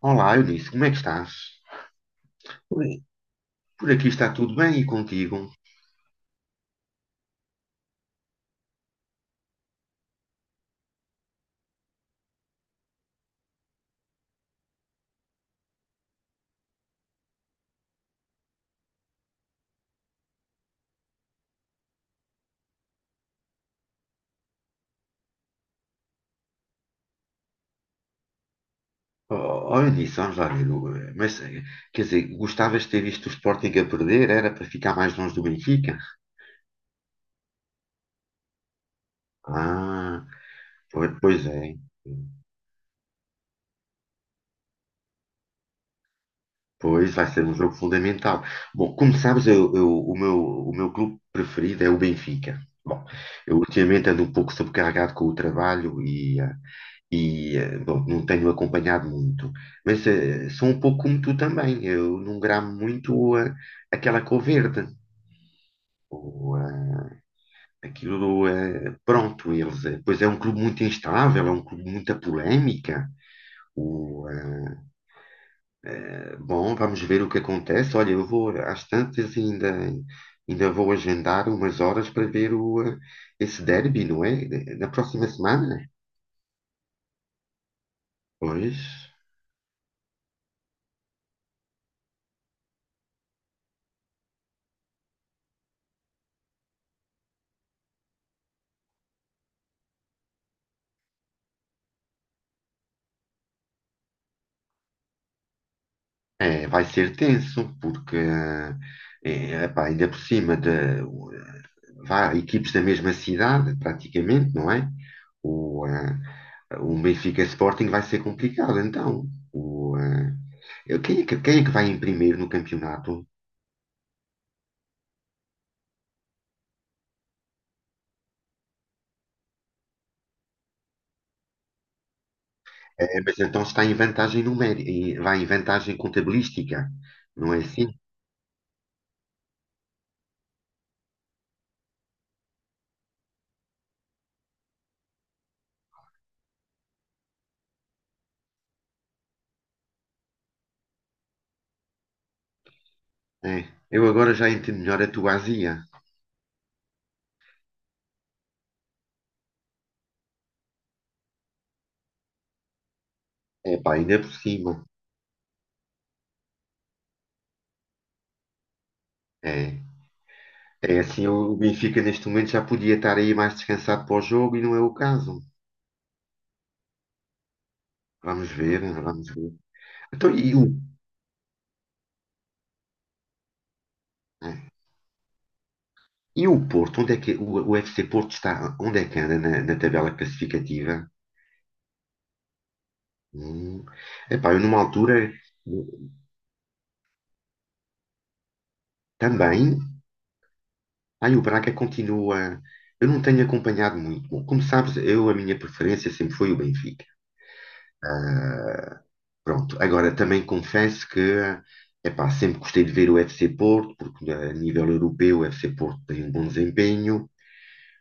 Olá, Eunice, como é que estás? Por, por aqui está tudo bem e contigo? Oh, oh, Eunice, vamos lá ver. Mas, quer dizer, gostavas de ter visto o Sporting a perder? Era para ficar mais longe do Benfica? Ah, pois, pois é. Pois vai ser um jogo fundamental. Bom, como sabes, o o meu clube preferido é o Benfica. Bom, eu ultimamente ando um pouco sobrecarregado com o trabalho e, bom, não tenho acompanhado muito, mas sou um pouco como tu também. Eu não gramo muito aquela cor verde, ou aquilo, pronto, pois é um clube muito instável, é um clube de muita polémica. O, eh, Bom, vamos ver o que acontece. Olha, eu vou às tantas e ainda, ainda vou agendar umas horas para ver esse derby, não é? Na próxima semana. Pois. É, vai ser tenso, porque é, epá, ainda por cima de equipes da mesma cidade, praticamente, não é? O, eh, o Benfica Sporting vai ser complicado, então. Quem é que vai em primeiro no campeonato? Eh, mas então está em vantagem numérica, vai em vantagem contabilística, não é assim? É. Eu agora já entendo melhor a tua azia. É, pá, ainda por cima. É. É assim, o Benfica neste momento já podia estar aí mais descansado para o jogo e não é o caso. Vamos ver, vamos ver. Então, e o, né? e o Porto? Onde é que o FC Porto está? Onde é que anda na tabela classificativa? Hum. Epá, eu numa altura também. Aí o Braga continua. Eu não tenho acompanhado muito. Bom, como sabes, eu a minha preferência sempre foi o Benfica. Pronto, agora também confesso que epá, sempre gostei de ver o FC Porto, porque a nível europeu o FC Porto tem um bom desempenho.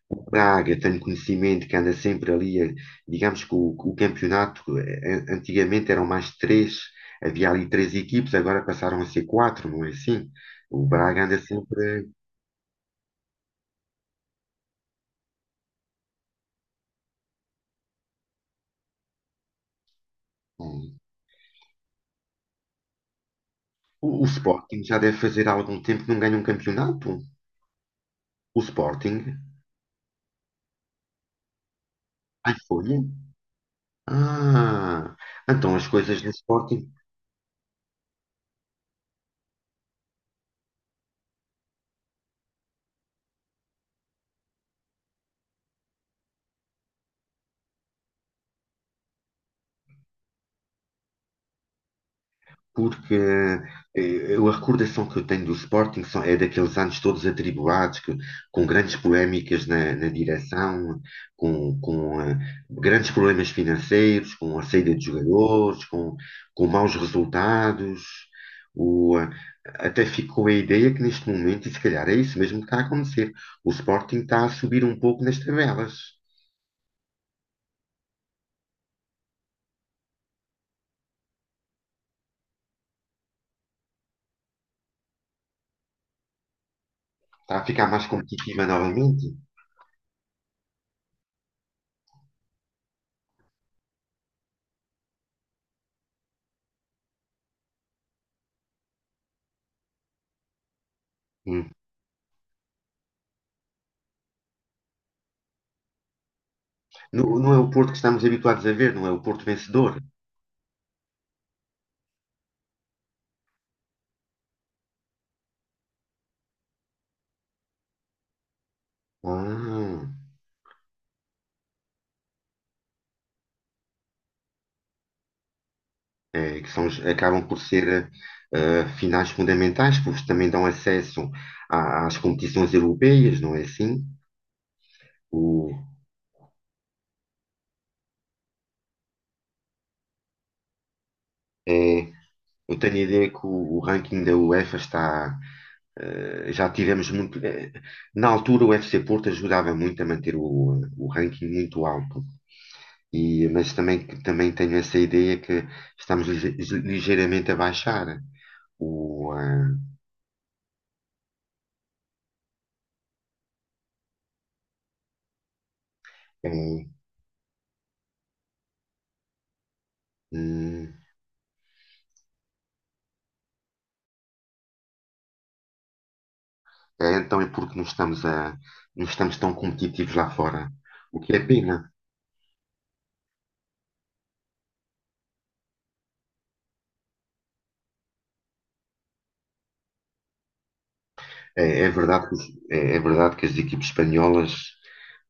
O Braga, tenho conhecimento que anda sempre ali, digamos que o campeonato, antigamente eram mais três, havia ali três equipes, agora passaram a ser quatro, não é assim? O Braga anda sempre. Hum. O Sporting já deve fazer há algum tempo que não ganha um campeonato. O Sporting? Ai, foi? Ah, então as coisas do Sporting. Porque a recordação que eu tenho do Sporting é daqueles anos todos atribulados, com grandes polémicas na direção, com, com, eh, grandes problemas financeiros, com a saída de jogadores, com maus resultados. O, eh, Até ficou a ideia que neste momento, e se calhar é isso mesmo que está a acontecer, o Sporting está a subir um pouco nas tabelas, está a ficar mais competitiva novamente. Hum. Não, não é o Porto que estamos habituados a ver, não é o Porto vencedor. Ah, é, que são, acabam por ser finais fundamentais, porque também dão acesso às competições europeias, não é assim? O, é, eu tenho a ideia que o ranking da UEFA está. Já tivemos muito. Na altura, o FC Porto ajudava muito a manter o ranking muito alto, mas também, também tenho essa ideia que estamos lige- ligeiramente a baixar. O, ah, É, hum, é, então é porque não estamos tão competitivos lá fora, o que é pena. É, é verdade que, é, é verdade que as equipes espanholas,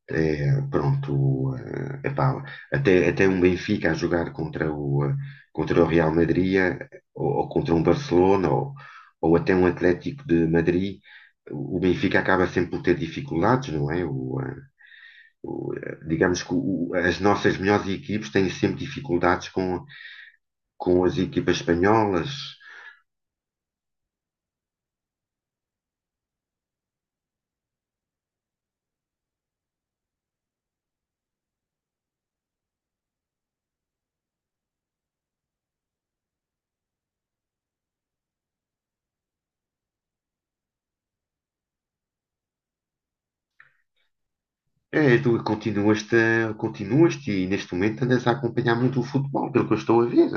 é, pronto, epá, até, até um Benfica a jogar contra contra o Real Madrid, ou contra um Barcelona, ou até um Atlético de Madrid, o Benfica acaba sempre por ter dificuldades, não é? Digamos que as nossas melhores equipes têm sempre dificuldades com as equipas espanholas. É, tu continuaste, continuaste e neste momento andas a acompanhar muito o futebol, pelo que eu estou a ver.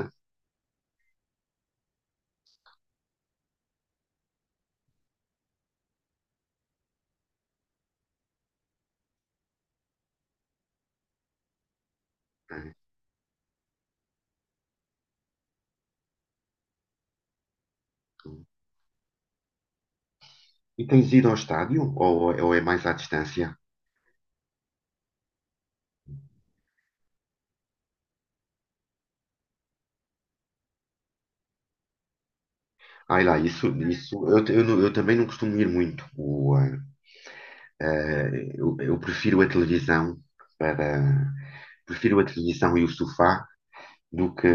É, tu- E tens ido ao estádio ou é mais à distância? Ai lá, isso eu também não costumo ir muito. Ah, eu prefiro a televisão para prefiro a televisão e o sofá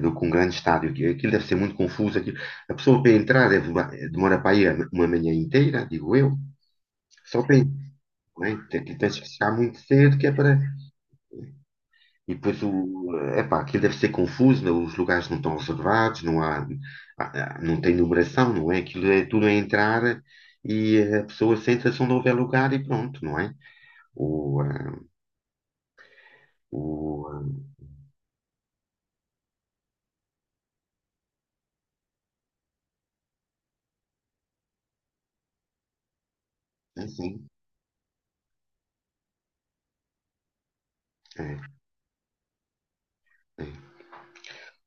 do que um grande estádio. Aquilo deve ser muito confuso. Aquilo, a pessoa para entrar deve, demora para ir uma manhã inteira, digo eu. Só para. Né? Tens que chegar muito cedo, que é para. E depois o. Epá, aquilo deve ser confuso, né? Os lugares não estão reservados, não há, não tem numeração, não é? Aquilo é tudo a entrar e a pessoa senta-se onde houver lugar e pronto, não é? O, ah, o, ah, é sim, é, é.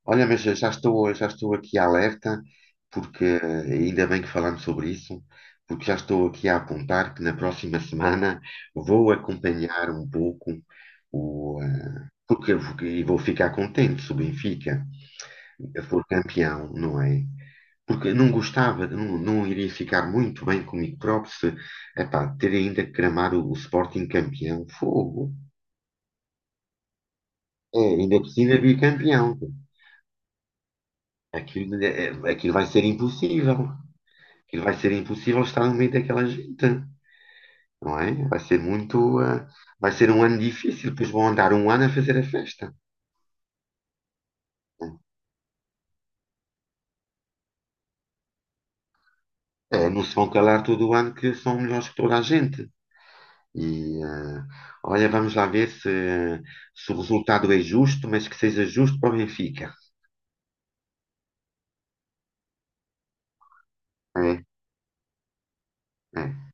Olha, já estou aqui alerta, porque ainda bem que falamos sobre isso, porque já estou aqui a apontar que na próxima semana vou acompanhar um pouco o. Porque e vou ficar contente se o Benfica for campeão, não é? Porque não gostava, não, não iria ficar muito bem comigo próprio se, epá, ter ainda que cramar o Sporting campeão, fogo. É, ainda por cima bicampeão. Aquilo vai ser impossível. Aquilo vai ser impossível estar no meio daquela gente, não é? Vai ser muito, vai ser um ano difícil, depois vão andar um ano a fazer a festa. É, não se vão calar todo o ano que são melhores que toda a gente. E, eh, olha, vamos lá ver se, se o resultado é justo, mas que seja justo para o Benfica. É, é.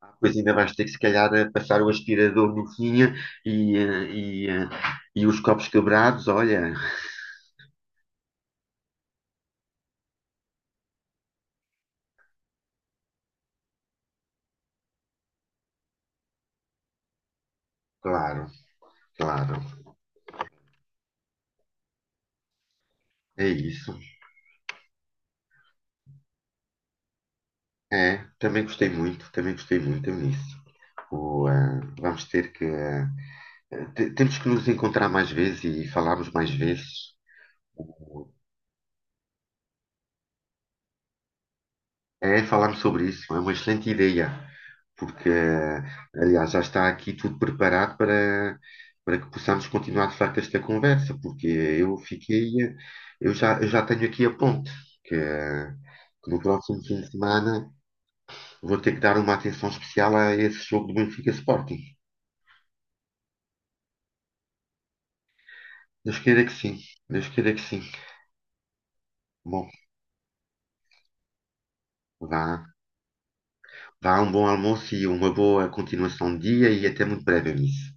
Ah, pois ainda vais ter que, se calhar, passar o aspirador no fim e, eh, e, eh, e os copos quebrados, olha. Claro, claro. É isso. É, também gostei muito nisso. Vamos ter que. Temos que nos encontrar mais vezes e falarmos mais vezes. É, falarmos sobre isso, é uma excelente ideia, porque, aliás, já está aqui tudo preparado para, para que possamos continuar de facto esta conversa, porque eu fiquei, eu já tenho aqui a ponte, que, que no próximo fim de semana vou ter que dar uma atenção especial a esse jogo do Benfica Sporting. Deus queira que sim, Deus queira que sim. Bom, vá, vá um bom almoço e uma boa continuação de dia e até muito breve, nisso.